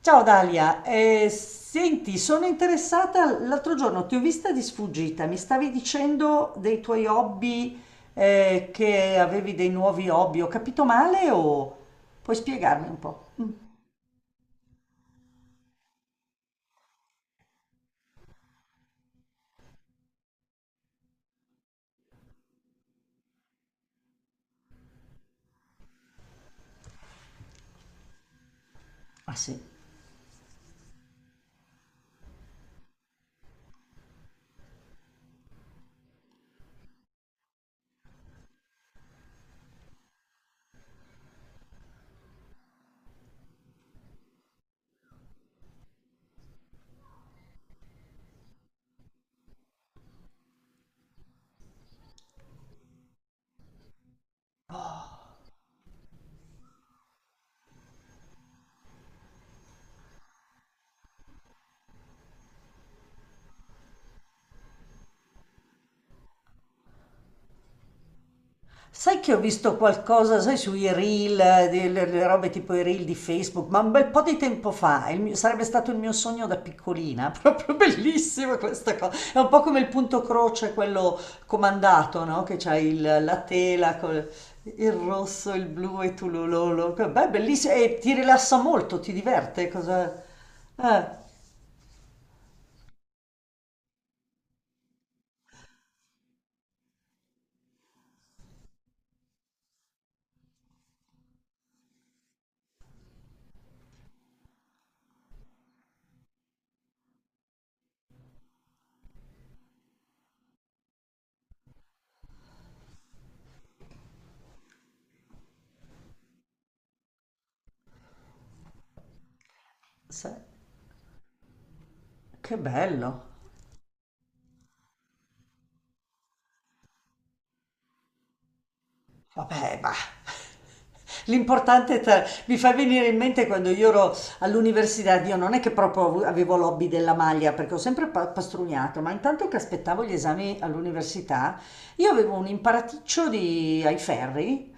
Ciao Dalia, senti, sono interessata, l'altro giorno ti ho vista di sfuggita, mi stavi dicendo dei tuoi hobby, che avevi dei nuovi hobby, ho capito male o puoi spiegarmi un po'? Ah sì. Sai che ho visto qualcosa, sai, sui reel, delle le robe tipo i reel di Facebook, ma un bel po' di tempo fa, sarebbe stato il mio sogno da piccolina, proprio bellissimo questa cosa. È un po' come il punto croce, quello comandato, no? Che c'hai la tela con il rosso, il blu e tu lo. Beh, bellissimo, e ti rilassa molto, ti diverte, cosa... Eh, sai, che bello. Vabbè, ma l'importante è mi fa venire in mente quando io ero all'università. Io non è che proprio avevo l'hobby della maglia, perché ho sempre pastrugnato, ma intanto che aspettavo gli esami all'università, io avevo un imparaticcio di... ai ferri.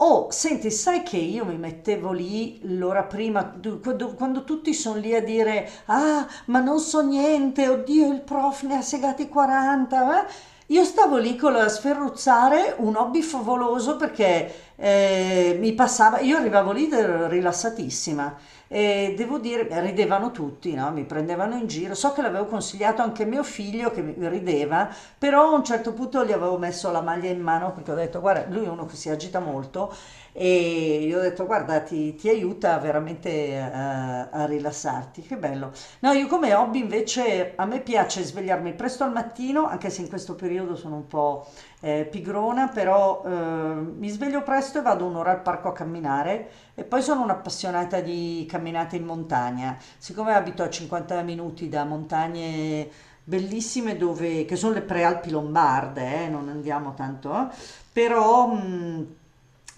Oh, senti, sai che io mi mettevo lì l'ora prima, quando, quando tutti sono lì a dire, ah, ma non so niente, oddio, il prof ne ha segati 40, eh? Io stavo lì con la sferruzzare, un hobby favoloso perché mi passava, io arrivavo lì rilassatissima e devo dire, beh, ridevano tutti, no? Mi prendevano in giro. So che l'avevo consigliato anche a mio figlio che rideva, però a un certo punto gli avevo messo la maglia in mano perché ho detto, guarda, lui è uno che si agita molto e gli ho detto, guarda, ti aiuta veramente a, a rilassarti. Che bello. No, io come hobby invece, a me piace svegliarmi presto al mattino, anche se in questo periodo sono un po' pigrona, però mi sveglio presto e vado un'ora al parco a camminare, e poi sono un'appassionata di camminate in montagna. Siccome abito a 50 minuti da montagne bellissime dove, che sono le prealpi lombarde, non andiamo tanto, però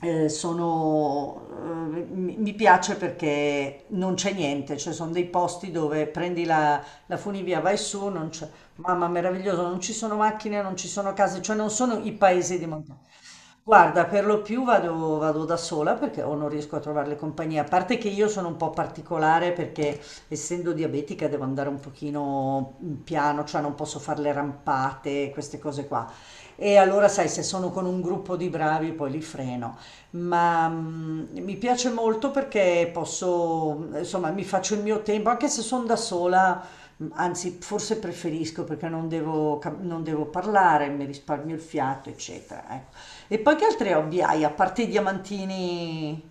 eh, sono, mi piace perché non c'è niente, cioè sono dei posti dove prendi la, la funivia, vai su, non c'è, mamma meraviglioso, non ci sono macchine, non ci sono case, cioè non sono i paesi di montagna. Guarda, per lo più vado, vado da sola perché o non riesco a trovare le compagnie, a parte che io sono un po' particolare perché, essendo diabetica, devo andare un pochino piano, cioè non posso fare le rampate, queste cose qua. E allora sai, se sono con un gruppo di bravi poi li freno, ma mi piace molto perché posso, insomma, mi faccio il mio tempo, anche se sono da sola. Anzi, forse preferisco perché non devo, non devo parlare, mi risparmio il fiato, eccetera. Ecco. E poi che altri hobby hai? A parte i diamantini,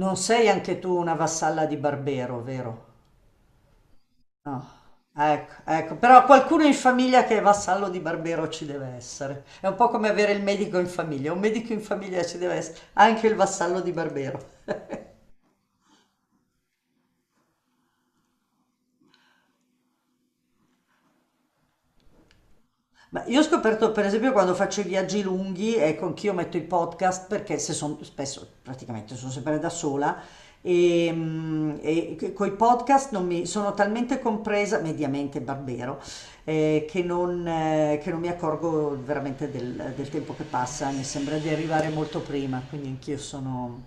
non sei anche tu una vassalla di Barbero, vero? No. Ecco, ecco, però qualcuno in famiglia che è vassallo di Barbero ci deve essere. È un po' come avere il medico in famiglia. Un medico in famiglia ci deve essere, anche il vassallo di Barbero. Ma io ho scoperto, per esempio, quando faccio i viaggi lunghi, ecco, anch'io metto i podcast, perché se sono spesso, praticamente sono sempre da sola e, e coi podcast non mi, sono talmente compresa, mediamente Barbero, che non mi accorgo veramente del, del tempo che passa, mi sembra di arrivare molto prima, quindi anch'io sono.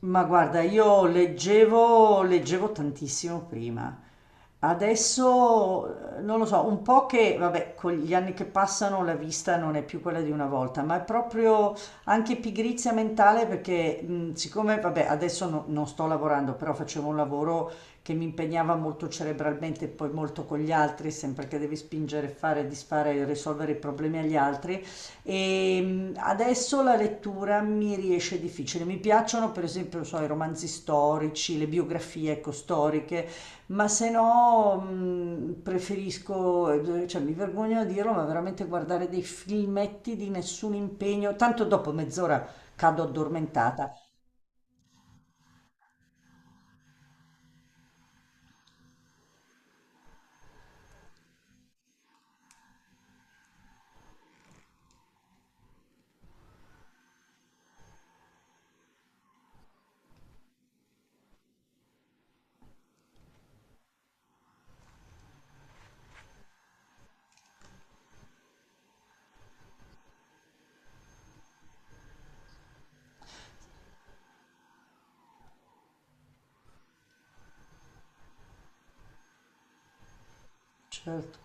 Ma guarda, io leggevo, leggevo tantissimo prima. Adesso non lo so, un po' che, vabbè, con gli anni che passano la vista non è più quella di una volta, ma è proprio anche pigrizia mentale perché siccome, vabbè, adesso non sto lavorando, però facevo un lavoro che mi impegnava molto cerebralmente e poi molto con gli altri, sempre che devi spingere, fare, disfare, risolvere i problemi agli altri. E adesso la lettura mi riesce difficile. Mi piacciono, per esempio, non so, i romanzi storici, le biografie, ecco, storiche, ma se no preferisco, cioè mi vergogno a dirlo, ma veramente guardare dei filmetti di nessun impegno, tanto dopo mezz'ora cado addormentata. Certo.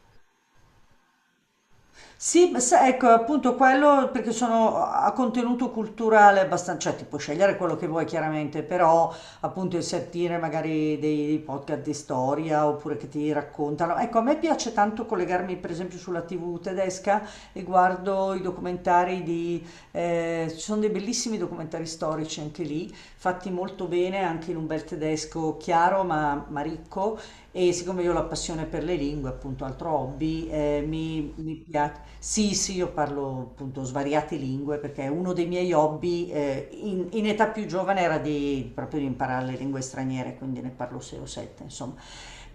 Sì, ma ecco, appunto quello perché sono a contenuto culturale abbastanza, cioè ti puoi scegliere quello che vuoi chiaramente, però appunto il sentire magari dei, dei podcast di storia oppure che ti raccontano. Ecco, a me piace tanto collegarmi per esempio sulla TV tedesca e guardo i documentari di, ci sono dei bellissimi documentari storici anche lì, fatti molto bene, anche in un bel tedesco chiaro ma ricco, e siccome io ho la passione per le lingue, appunto altro hobby, mi piace. Sì, sì, io parlo appunto svariate lingue perché uno dei miei hobby, in età più giovane era di, proprio di imparare le lingue straniere, quindi ne parlo 6 o 7, insomma.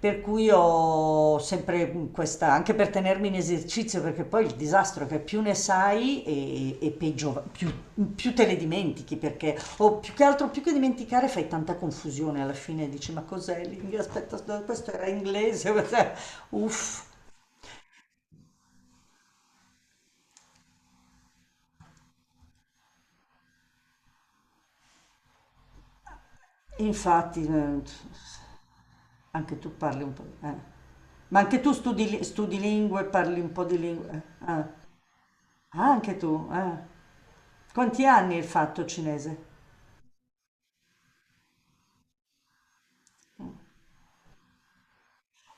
Per cui ho sempre questa, anche per tenermi in esercizio, perché poi il disastro è che più ne sai e peggio, più, più te le dimentichi, perché, o più che altro, più che dimenticare fai tanta confusione alla fine, dici ma cos'è l'inglese? Aspetta, questo era inglese, uff. Infatti, eh. Anche tu parli un po', eh. Ma anche tu studi, studi lingue, parli un po' di lingue. Eh. Ah. Ah, anche tu, eh. Quanti anni hai fatto cinese?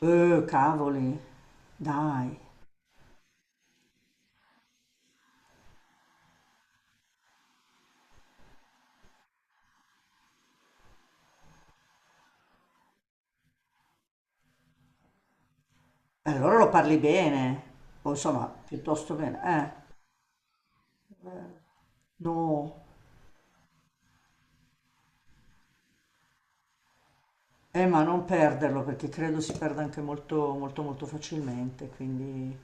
Cavoli, dai. E allora lo parli bene, o insomma, piuttosto bene. Eh, no, ma non perderlo perché credo si perda anche molto, molto, molto facilmente, quindi...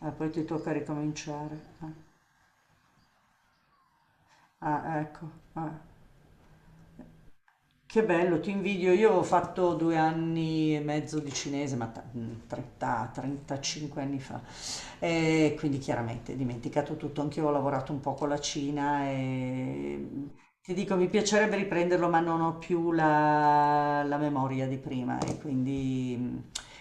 Ah, poi ti tocca ricominciare. Eh. Ah, ecco. Ah. Che bello, ti invidio. Io ho fatto 2 anni e mezzo di cinese, ma 30, 35 anni fa. E quindi chiaramente dimenticato tutto. Anch'io ho lavorato un po' con la Cina e ti dico, mi piacerebbe riprenderlo, ma non ho più la, la memoria di prima e quindi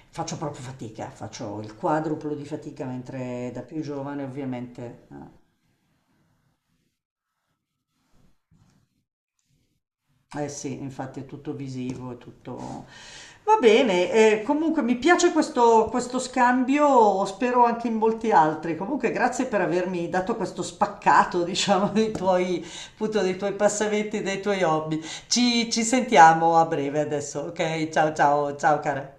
faccio proprio fatica, faccio il quadruplo di fatica, mentre da più giovane ovviamente, eh. Eh sì, infatti è tutto visivo, è tutto... Va bene, comunque mi piace questo, questo scambio, spero anche in molti altri. Comunque grazie per avermi dato questo spaccato, diciamo, dei tuoi, appunto, dei tuoi passamenti, dei tuoi hobby. Ci sentiamo a breve adesso, ok? Ciao ciao, ciao cara.